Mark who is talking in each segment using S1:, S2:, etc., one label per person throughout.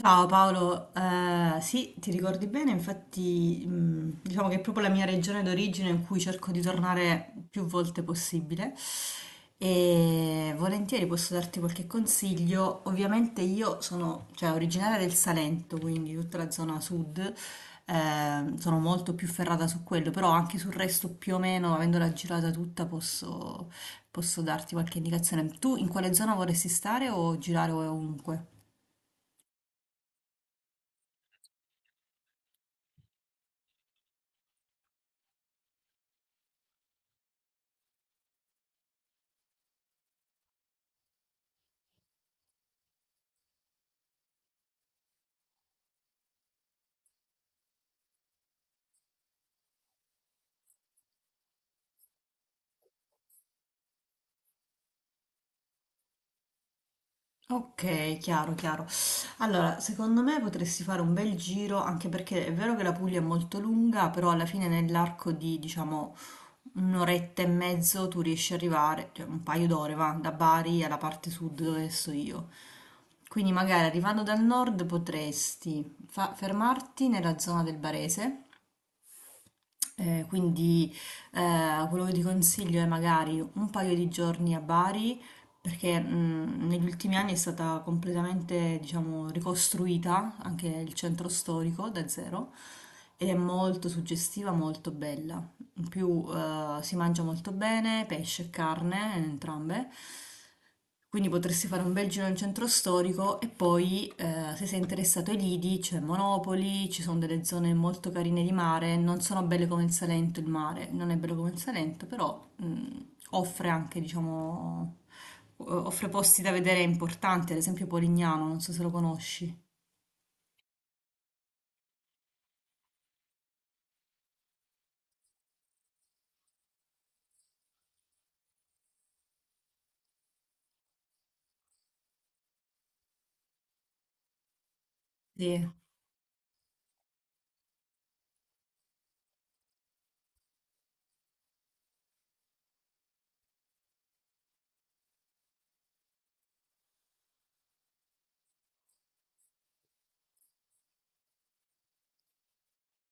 S1: Ciao Paolo. Sì, ti ricordi bene. Infatti diciamo che è proprio la mia regione d'origine, in cui cerco di tornare più volte possibile e volentieri. Posso darti qualche consiglio. Ovviamente io sono, cioè, originaria del Salento, quindi tutta la zona sud, sono molto più ferrata su quello, però anche sul resto più o meno, avendola girata tutta, posso darti qualche indicazione. Tu in quale zona vorresti stare o girare ovunque? Ok, chiaro, chiaro. Allora, secondo me potresti fare un bel giro, anche perché è vero che la Puglia è molto lunga, però alla fine nell'arco di, diciamo, un'oretta e mezzo tu riesci ad arrivare, cioè un paio d'ore, va, da Bari alla parte sud dove sto io. Quindi magari arrivando dal nord potresti fermarti nella zona del Barese, eh, quindi quello che ti consiglio è magari un paio di giorni a Bari, perché negli ultimi anni è stata completamente, diciamo, ricostruita anche il centro storico da zero, ed è molto suggestiva, molto bella. In più si mangia molto bene, pesce e carne, entrambe. Quindi potresti fare un bel giro nel centro storico e poi, se sei interessato ai lidi, c'è Monopoli, ci sono delle zone molto carine di mare, non sono belle come il Salento, il mare non è bello come il Salento, però offre offre posti da vedere importanti, ad esempio Polignano, non so se lo conosci. Sì.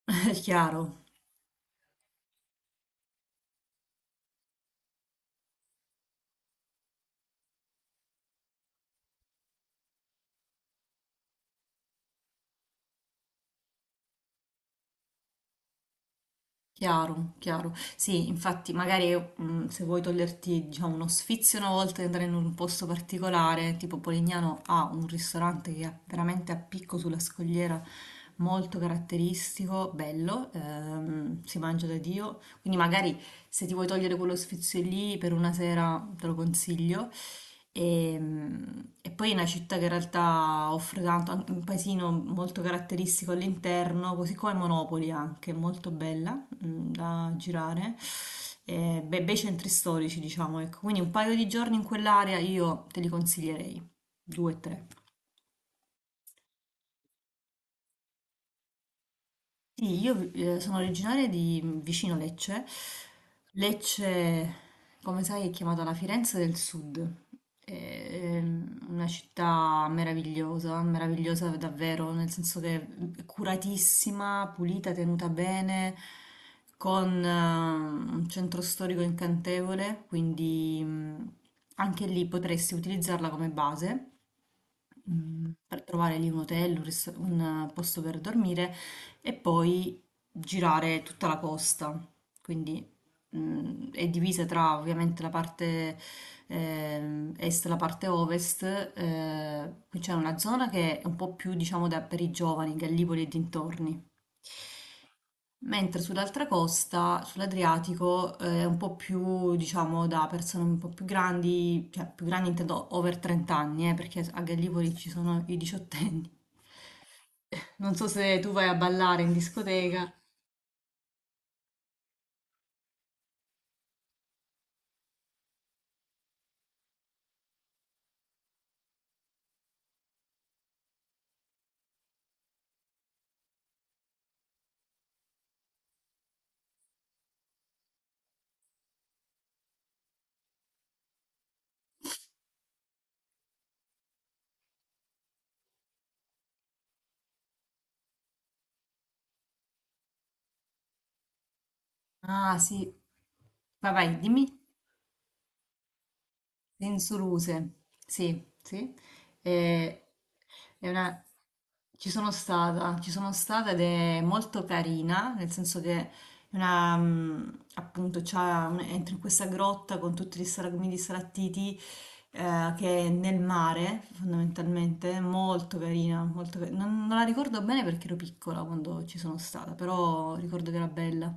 S1: È chiaro. Chiaro, chiaro. Sì, infatti, magari se vuoi toglierti, diciamo, uno sfizio una volta di andare in un posto particolare, tipo Polignano ha un ristorante che è veramente a picco sulla scogliera, molto caratteristico, bello, si mangia da Dio. Quindi magari, se ti vuoi togliere quello sfizio lì per una sera, te lo consiglio. E, mm, e poi è una città che in realtà offre tanto, anche un paesino molto caratteristico all'interno, così come Monopoli anche, molto bella da girare, beh, bei centri storici, diciamo, ecco. Quindi un paio di giorni in quell'area io te li consiglierei, due o tre. Sì, io sono originaria di vicino Lecce. Lecce, come sai, è chiamata la Firenze del Sud. È una città meravigliosa, meravigliosa davvero, nel senso che è curatissima, pulita, tenuta bene, con un centro storico incantevole, quindi anche lì potresti utilizzarla come base per trovare lì un hotel, posto per dormire, e poi girare tutta la costa. Quindi è divisa tra ovviamente la parte est e la parte ovest. Qui c'è una zona che è un po' più, diciamo, da, per i giovani, Gallipoli e dintorni. Mentre sull'altra costa, sull'Adriatico, è un po' più, diciamo, da persone un po' più grandi, cioè più grandi intendo over 30 anni, perché a Gallipoli ci sono i diciottenni. Non so se tu vai a ballare in discoteca. Ah, sì. Vai, vai, dimmi. Insuluse, sì, sì. Eh, è una- Ci sono stata, ci sono stata, ed è molto carina, nel senso che è una, mm, appunto, c'ha entri in questa grotta con tutti gli stragumi di sarattiti che è nel mare, fondamentalmente. È molto carina, non, non la ricordo bene perché ero piccola quando ci sono stata, però ricordo che era bella.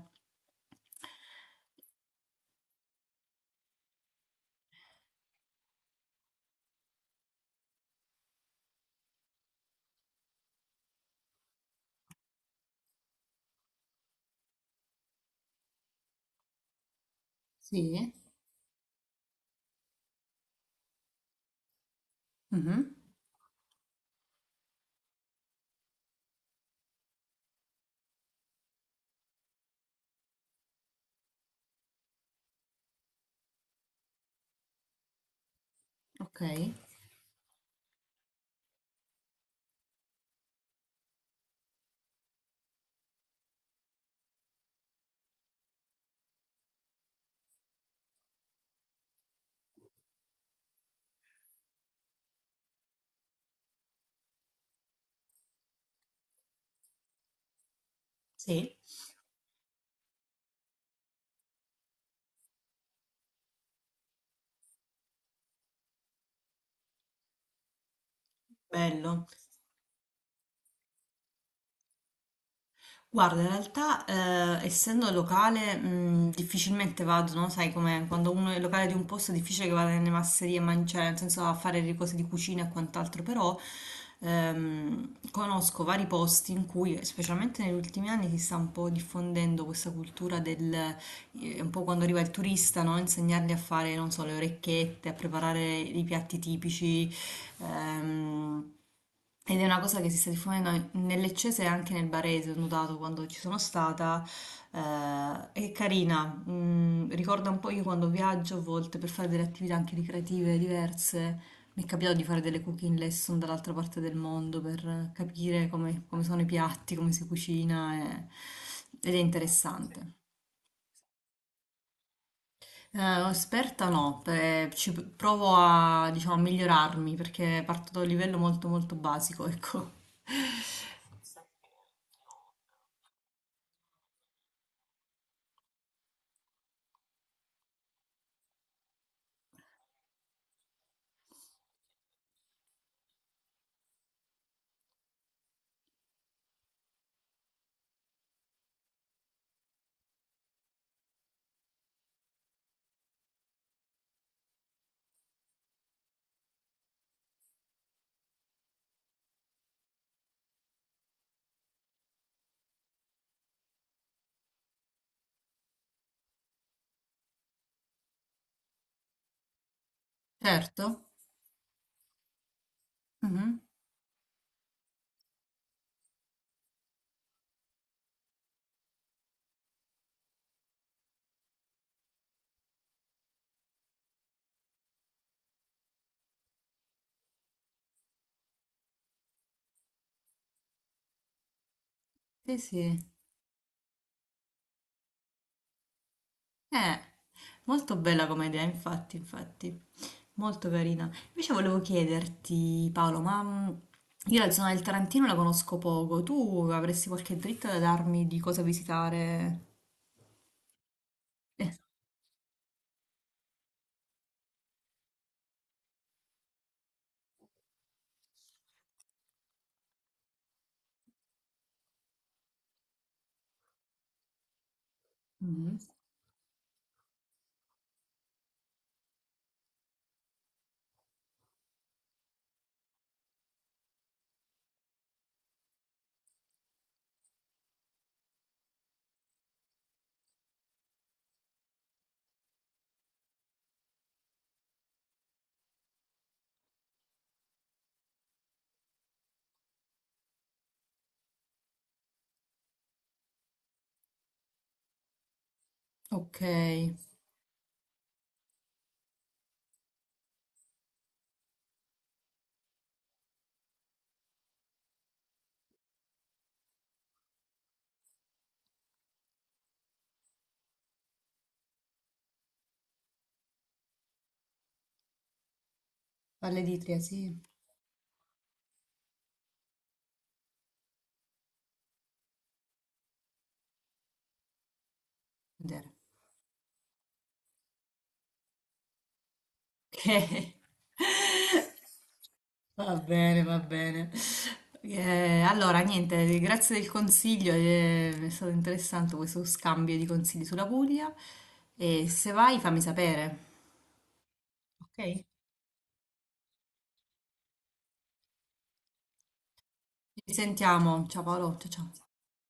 S1: Sì. Mhm. Ok, sì. Bello. Guarda, in realtà, essendo locale, difficilmente vado, no? Sai com'è? Quando uno è locale di un posto è difficile che vada nelle masserie a mangiare, nel senso a fare le cose di cucina e quant'altro. Però conosco vari posti in cui, specialmente negli ultimi anni, si sta un po' diffondendo questa cultura del, un po' quando arriva il turista, no? Insegnargli a fare, non so, le orecchiette, a preparare i piatti tipici. Ehm, Ed è una cosa che si sta diffondendo nel Leccese e anche nel Barese, ho notato quando ci sono stata. È carina, ricorda un po'. Io quando viaggio a volte, per fare delle attività anche ricreative diverse, mi è capitato di fare delle cooking lesson dall'altra parte del mondo per capire come, come sono i piatti, come si cucina, ed è interessante. Esperta no, ci provo a, diciamo, a migliorarmi perché parto da un livello molto molto basico, ecco. Certo. Mhm. Sì, sì. Eh, molto bella come idea, infatti, infatti. Molto carina. Invece volevo chiederti, Paolo, ma io la zona del Tarantino la conosco poco. Tu avresti qualche dritta da darmi di cosa visitare? Eh, mhm. Ok, Valle d'Itria, sì. Vedere. Ok. Va bene, va bene. Allora, niente, grazie del consiglio, è stato interessante questo scambio di consigli sulla Puglia, e se vai fammi sapere. Ok? Ci sentiamo. Ciao Paolo, ciao ciao.